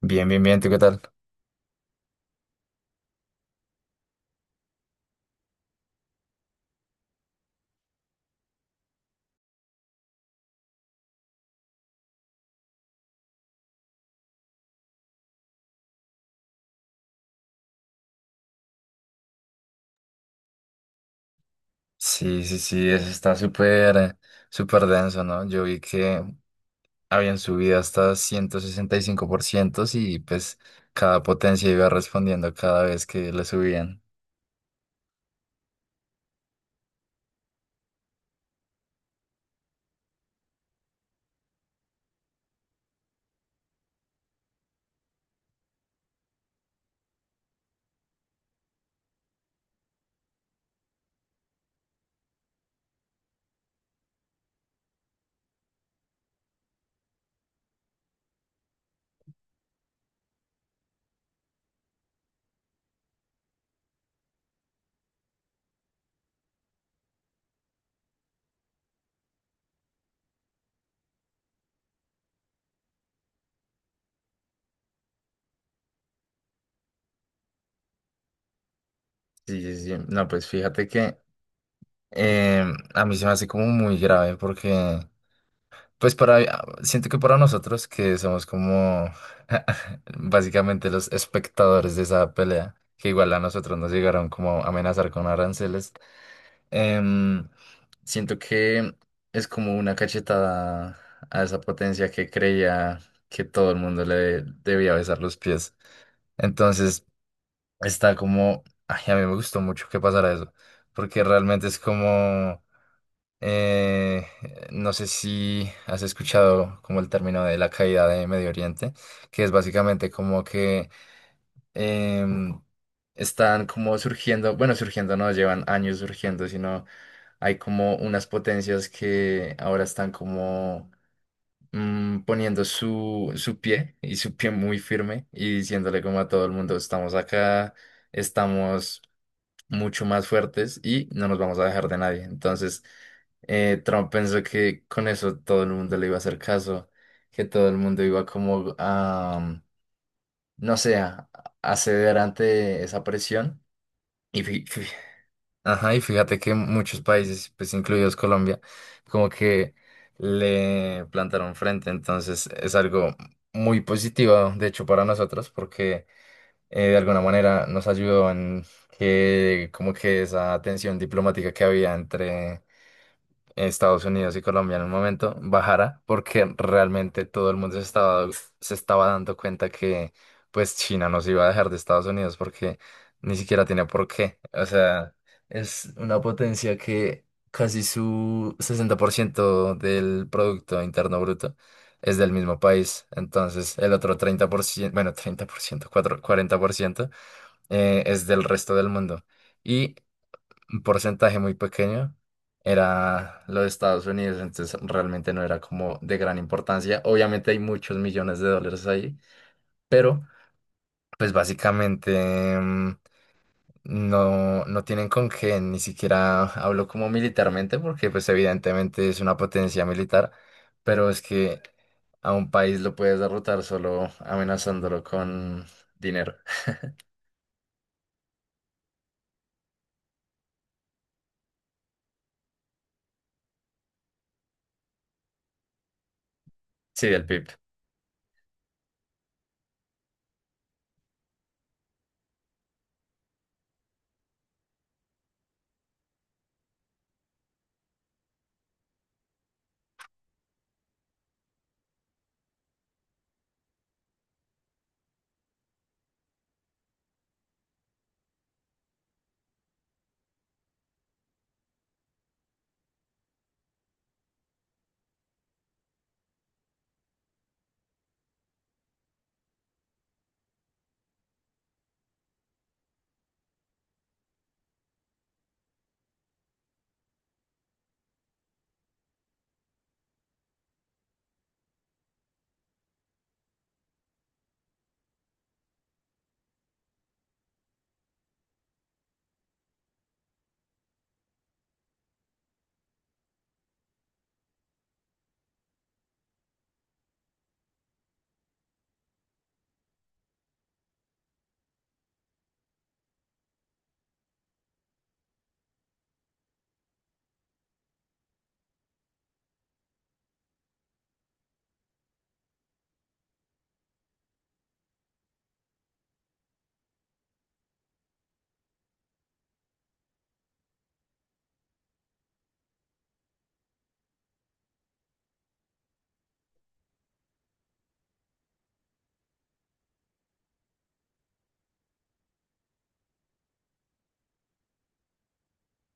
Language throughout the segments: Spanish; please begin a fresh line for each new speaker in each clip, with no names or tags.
Bien, bien, bien, ¿tú qué tal? Sí, sí, sí, eso está súper, súper denso, ¿no? Yo vi que habían subido hasta 165% y pues cada potencia iba respondiendo cada vez que le subían. Sí, sí, sí. No, pues fíjate que eh, a mí se me hace como muy grave porque pues para, siento que para nosotros que somos como básicamente los espectadores de esa pelea, que igual a nosotros nos llegaron como a amenazar con aranceles, em, siento que es como una cachetada a esa potencia que creía que todo el mundo le debía besar los pies. Entonces está como, ay, a mí me gustó mucho que pasara eso, porque realmente es como… Eh, no sé si has escuchado como el término de la caída de Medio Oriente, que es básicamente como que em, están como surgiendo, bueno, surgiendo no llevan años surgiendo, sino hay como unas potencias que ahora están como poniendo su pie y su pie muy firme y diciéndole como a todo el mundo, estamos acá, estamos mucho más fuertes y no nos vamos a dejar de nadie. Entonces, Trump pensó que con eso todo el mundo le iba a hacer caso, que todo el mundo iba como a, no sé, a ceder ante esa presión. Y, ajá, y fíjate que muchos países, pues incluidos Colombia, como que le plantaron frente. Entonces, es algo muy positivo, de hecho, para nosotros, porque de alguna manera nos ayudó en que como que esa tensión diplomática que había entre Estados Unidos y Colombia en un momento bajara, porque realmente todo el mundo se estaba dando cuenta que pues China nos iba a dejar de Estados Unidos porque ni siquiera tiene por qué. O sea, es una potencia que casi su 60% del Producto Interno Bruto es del mismo país. Entonces, el otro 30%, bueno, 30% cuatro 40% es del resto del mundo. Y un porcentaje muy pequeño era lo de Estados Unidos, entonces realmente no era como de gran importancia. Obviamente hay muchos millones de dólares ahí, pero pues básicamente no, no tienen con qué, ni siquiera hablo como militarmente, porque pues evidentemente es una potencia militar, pero es que a un país lo puedes derrotar solo amenazándolo con dinero. Sí, el PIB.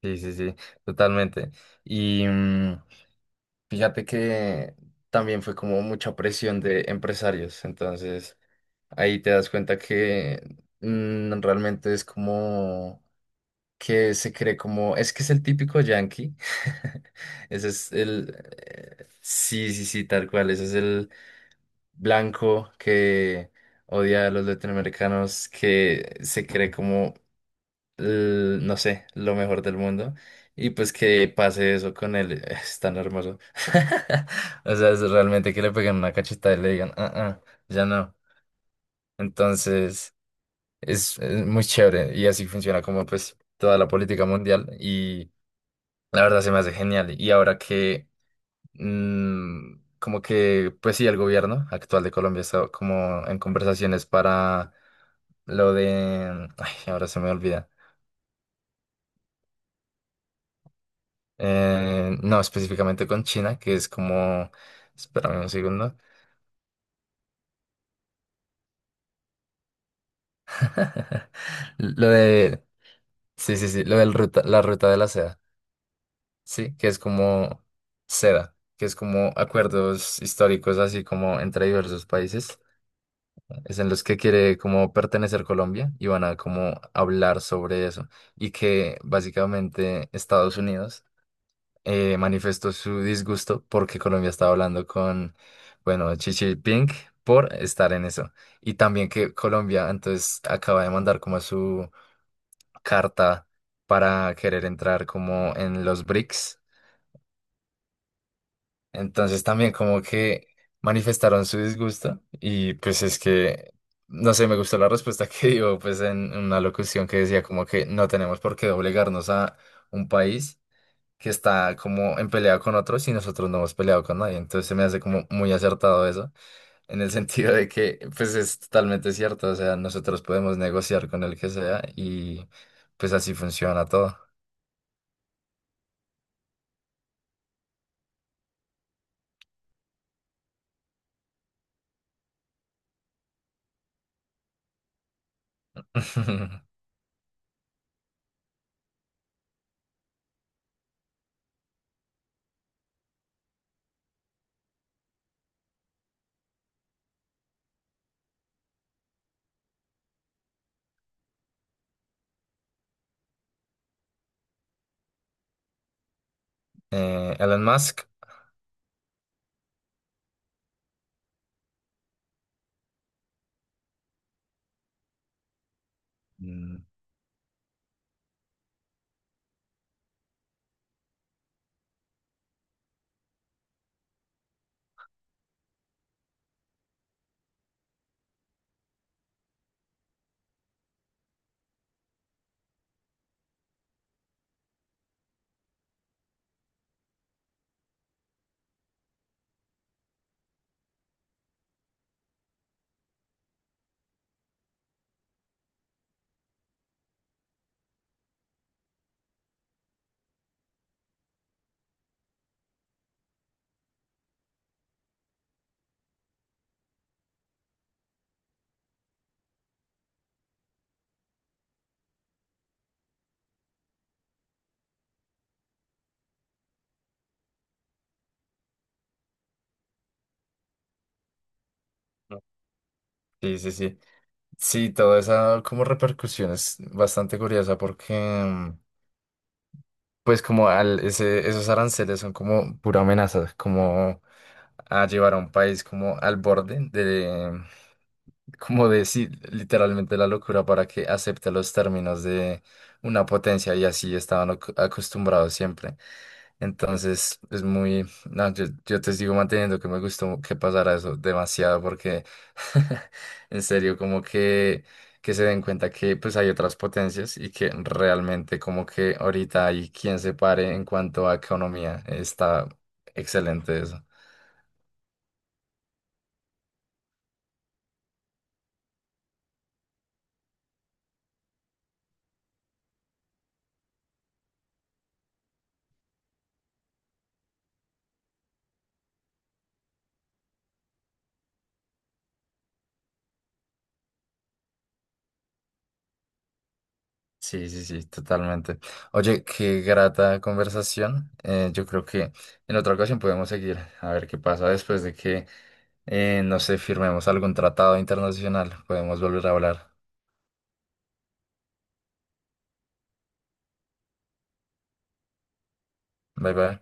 Sí, sí, sí, totalmente. Y fíjate que también fue como mucha presión de empresarios, entonces ahí te das cuenta que realmente es como que se cree como, es que es el típico yankee, ese es el, sí, sí, sí, tal cual, ese es el blanco que odia a los latinoamericanos, que se cree como no sé, lo mejor del mundo. Y pues que pase eso con él, es tan hermoso. O sea, es realmente que le peguen una cachetada y le digan, ah, ah, ya no. Entonces, es muy chévere y así funciona como pues toda la política mundial y la verdad se me hace genial. Y ahora que, como que, pues sí, el gobierno actual de Colombia está como en conversaciones para lo de, ay, ahora se me olvida. No, específicamente con China, que es como. Espérame un segundo. Lo de. Sí, sí, sí. Lo del ruta, la ruta de la seda. Sí, que es como seda, que es como acuerdos históricos así como entre diversos países. Es en los que quiere como pertenecer Colombia y van a como hablar sobre eso. Y que básicamente Estados Unidos manifestó su disgusto porque Colombia estaba hablando con, bueno, Xi Jinping por estar en eso. Y también que Colombia entonces acaba de mandar como su carta para querer entrar como en los BRICS. Entonces también como que manifestaron su disgusto y pues es que, no sé, me gustó la respuesta que dio pues en una locución que decía como que no tenemos por qué obligarnos a un país que está como en pelea con otros y nosotros no hemos peleado con nadie. Entonces se me hace como muy acertado eso, en el sentido de que pues es totalmente cierto, o sea, nosotros podemos negociar con el que sea y pues así funciona todo. Elon Musk. mm, no. Sí, sí, sí. Sí, toda esa como repercusión es bastante curiosa porque pues como al, ese, esos aranceles son como pura amenaza, como a llevar a un país como al borde de, como de sí, literalmente la locura para que acepte los términos de una potencia y así estaban acostumbrados siempre. Entonces es muy, no, yo te sigo manteniendo que me gustó que pasara eso demasiado porque en serio como que se den cuenta que pues hay otras potencias y que realmente como que ahorita hay quien se pare en cuanto a economía. Está excelente eso. Sí, sí, sí, totalmente. Oye, qué grata conversación. Yo creo que en otra ocasión podemos seguir a ver qué pasa después de que, no sé, firmemos algún tratado internacional. Podemos volver a hablar. Bye, bye.